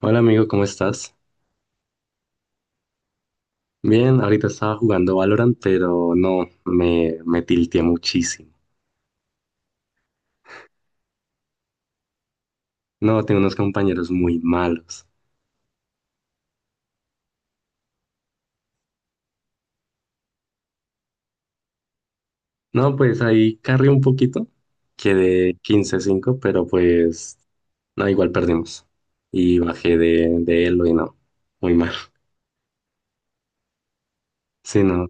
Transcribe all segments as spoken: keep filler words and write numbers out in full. Hola amigo, ¿cómo estás? Bien, ahorita estaba jugando Valorant, pero no, me, me tilteé muchísimo. No, tengo unos compañeros muy malos. No, pues ahí carré un poquito, quedé quince cinco, pero pues no, igual perdimos. Y bajé de, de Elo y no, muy mal. Sí, no,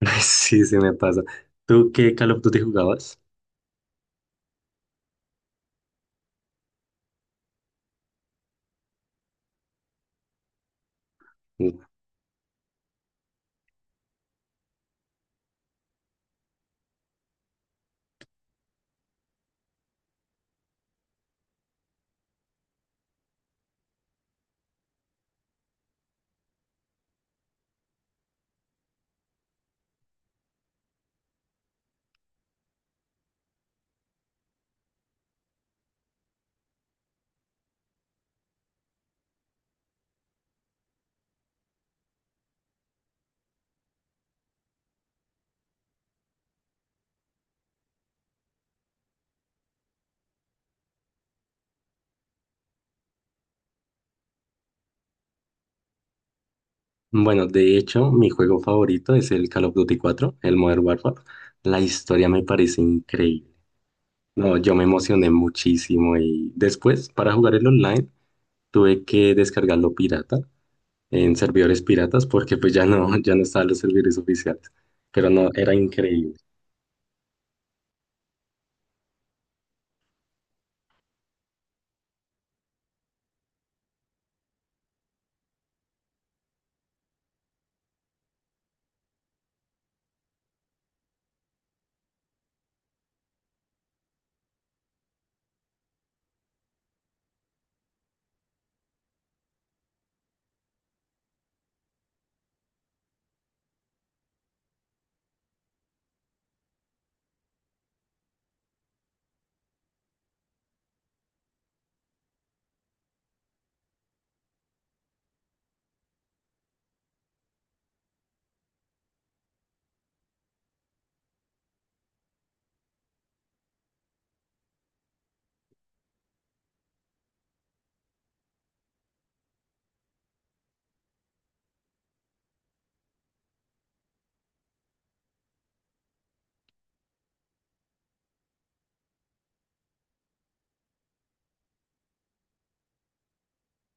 sí, sí me pasa. ¿Tú qué Call of Duty jugabas? Mm. Bueno, de hecho, mi juego favorito es el Call of Duty cuatro, el Modern Warfare. La historia me parece increíble. No, yo me emocioné muchísimo y después para jugar el online tuve que descargarlo pirata en servidores piratas porque pues ya no, ya no estaban los servidores oficiales, pero no, era increíble.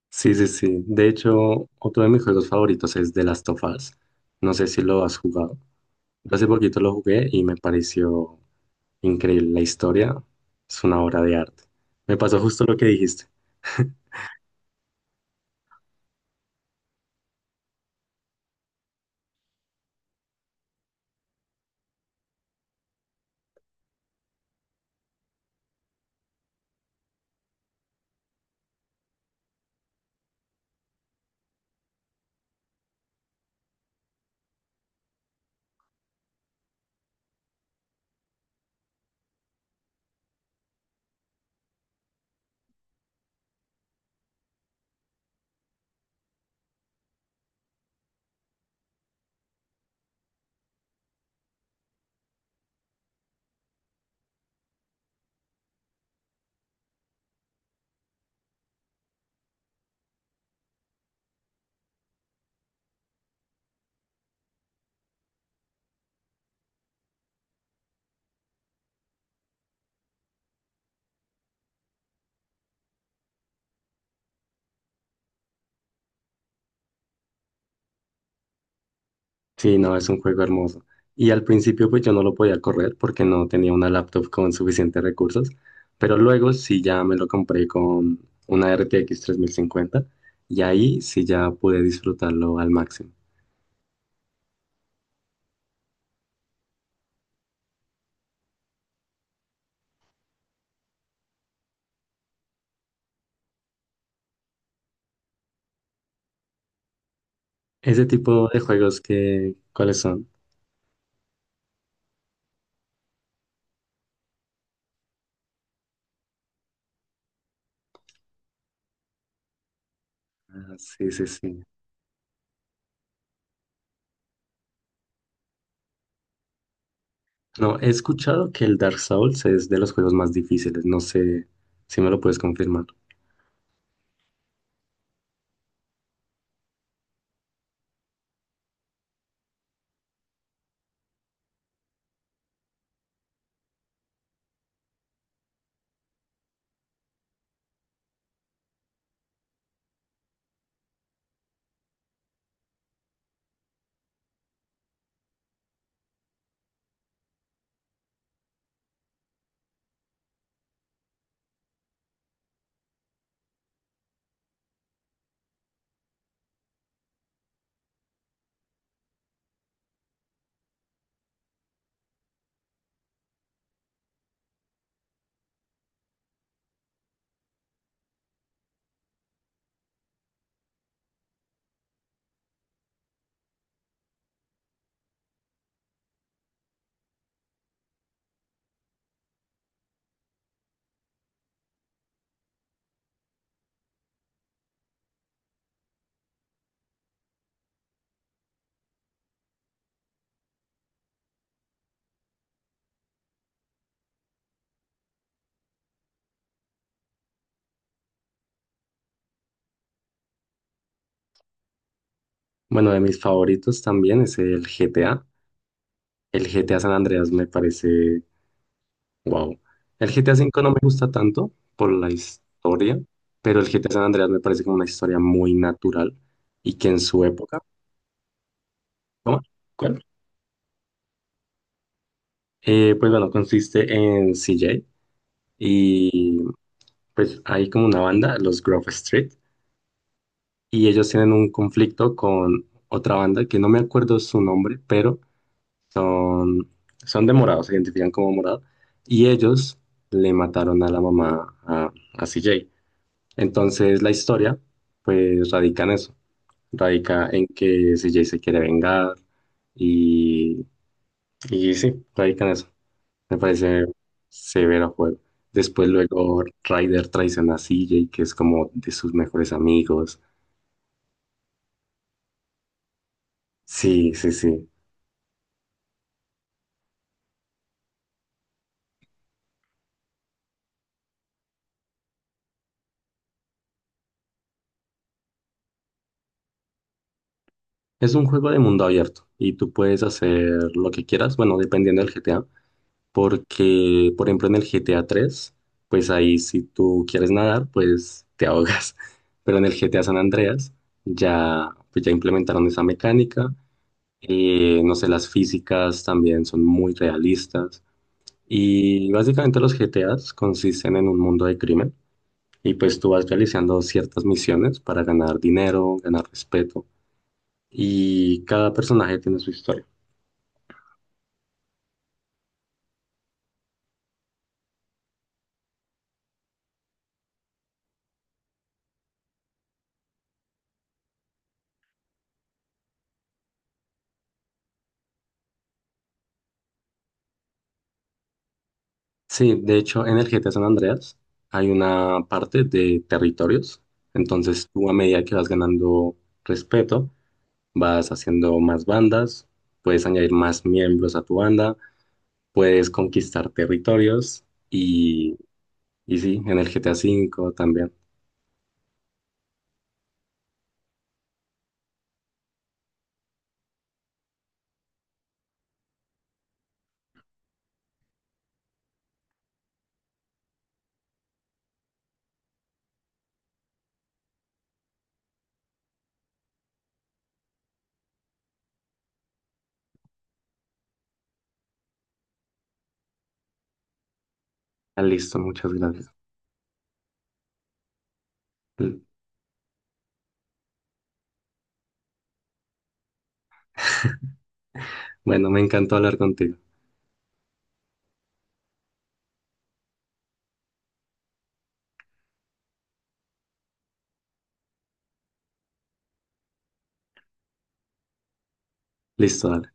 Sí, sí, sí. De hecho, otro de mis juegos favoritos es The Last of Us. No sé si lo has jugado. Yo hace poquito lo jugué y me pareció increíble. La historia es una obra de arte. Me pasó justo lo que dijiste. Sí, no, es un juego hermoso. Y al principio pues yo no lo podía correr porque no tenía una laptop con suficientes recursos, pero luego sí ya me lo compré con una R T X tres mil cincuenta y ahí sí ya pude disfrutarlo al máximo. Ese tipo de juegos que, ¿cuáles son? Ah, sí, sí, sí. No, he escuchado que el Dark Souls es de los juegos más difíciles, no sé si me lo puedes confirmar. Bueno, de mis favoritos también es el G T A. El G T A San Andreas me parece, wow. El G T A V no me gusta tanto por la historia, pero el G T A San Andreas me parece como una historia muy natural y que en su época, ¿cómo? ¿Cuál? Eh, pues bueno, consiste en C J y pues hay como una banda, los Grove Street, y ellos tienen un conflicto con otra banda que no me acuerdo su nombre, pero son, son de morado, se identifican como morado, y ellos le mataron a la mamá a, a C J. Entonces la historia, pues radica en eso, radica en que C J se quiere vengar y, y sí, radica en eso. Me parece severo juego. Después luego Ryder traiciona a C J, que es como de sus mejores amigos. Sí, sí, sí. Es un juego de mundo abierto y tú puedes hacer lo que quieras, bueno, dependiendo del G T A. Porque, por ejemplo, en el G T A tres, pues ahí si tú quieres nadar, pues te ahogas. Pero en el G T A San Andreas ya, pues ya implementaron esa mecánica. Eh, no sé, las físicas también son muy realistas. Y básicamente los G T As consisten en un mundo de crimen. Y pues tú vas realizando ciertas misiones para ganar dinero, ganar respeto. Y cada personaje tiene su historia. Sí, de hecho, en el G T A San Andreas hay una parte de territorios. Entonces, tú a medida que vas ganando respeto, vas haciendo más bandas, puedes añadir más miembros a tu banda, puedes conquistar territorios y, y sí, en el G T A cinco también. Ah, listo, muchas gracias. Bueno, me encantó hablar contigo. Listo, dale.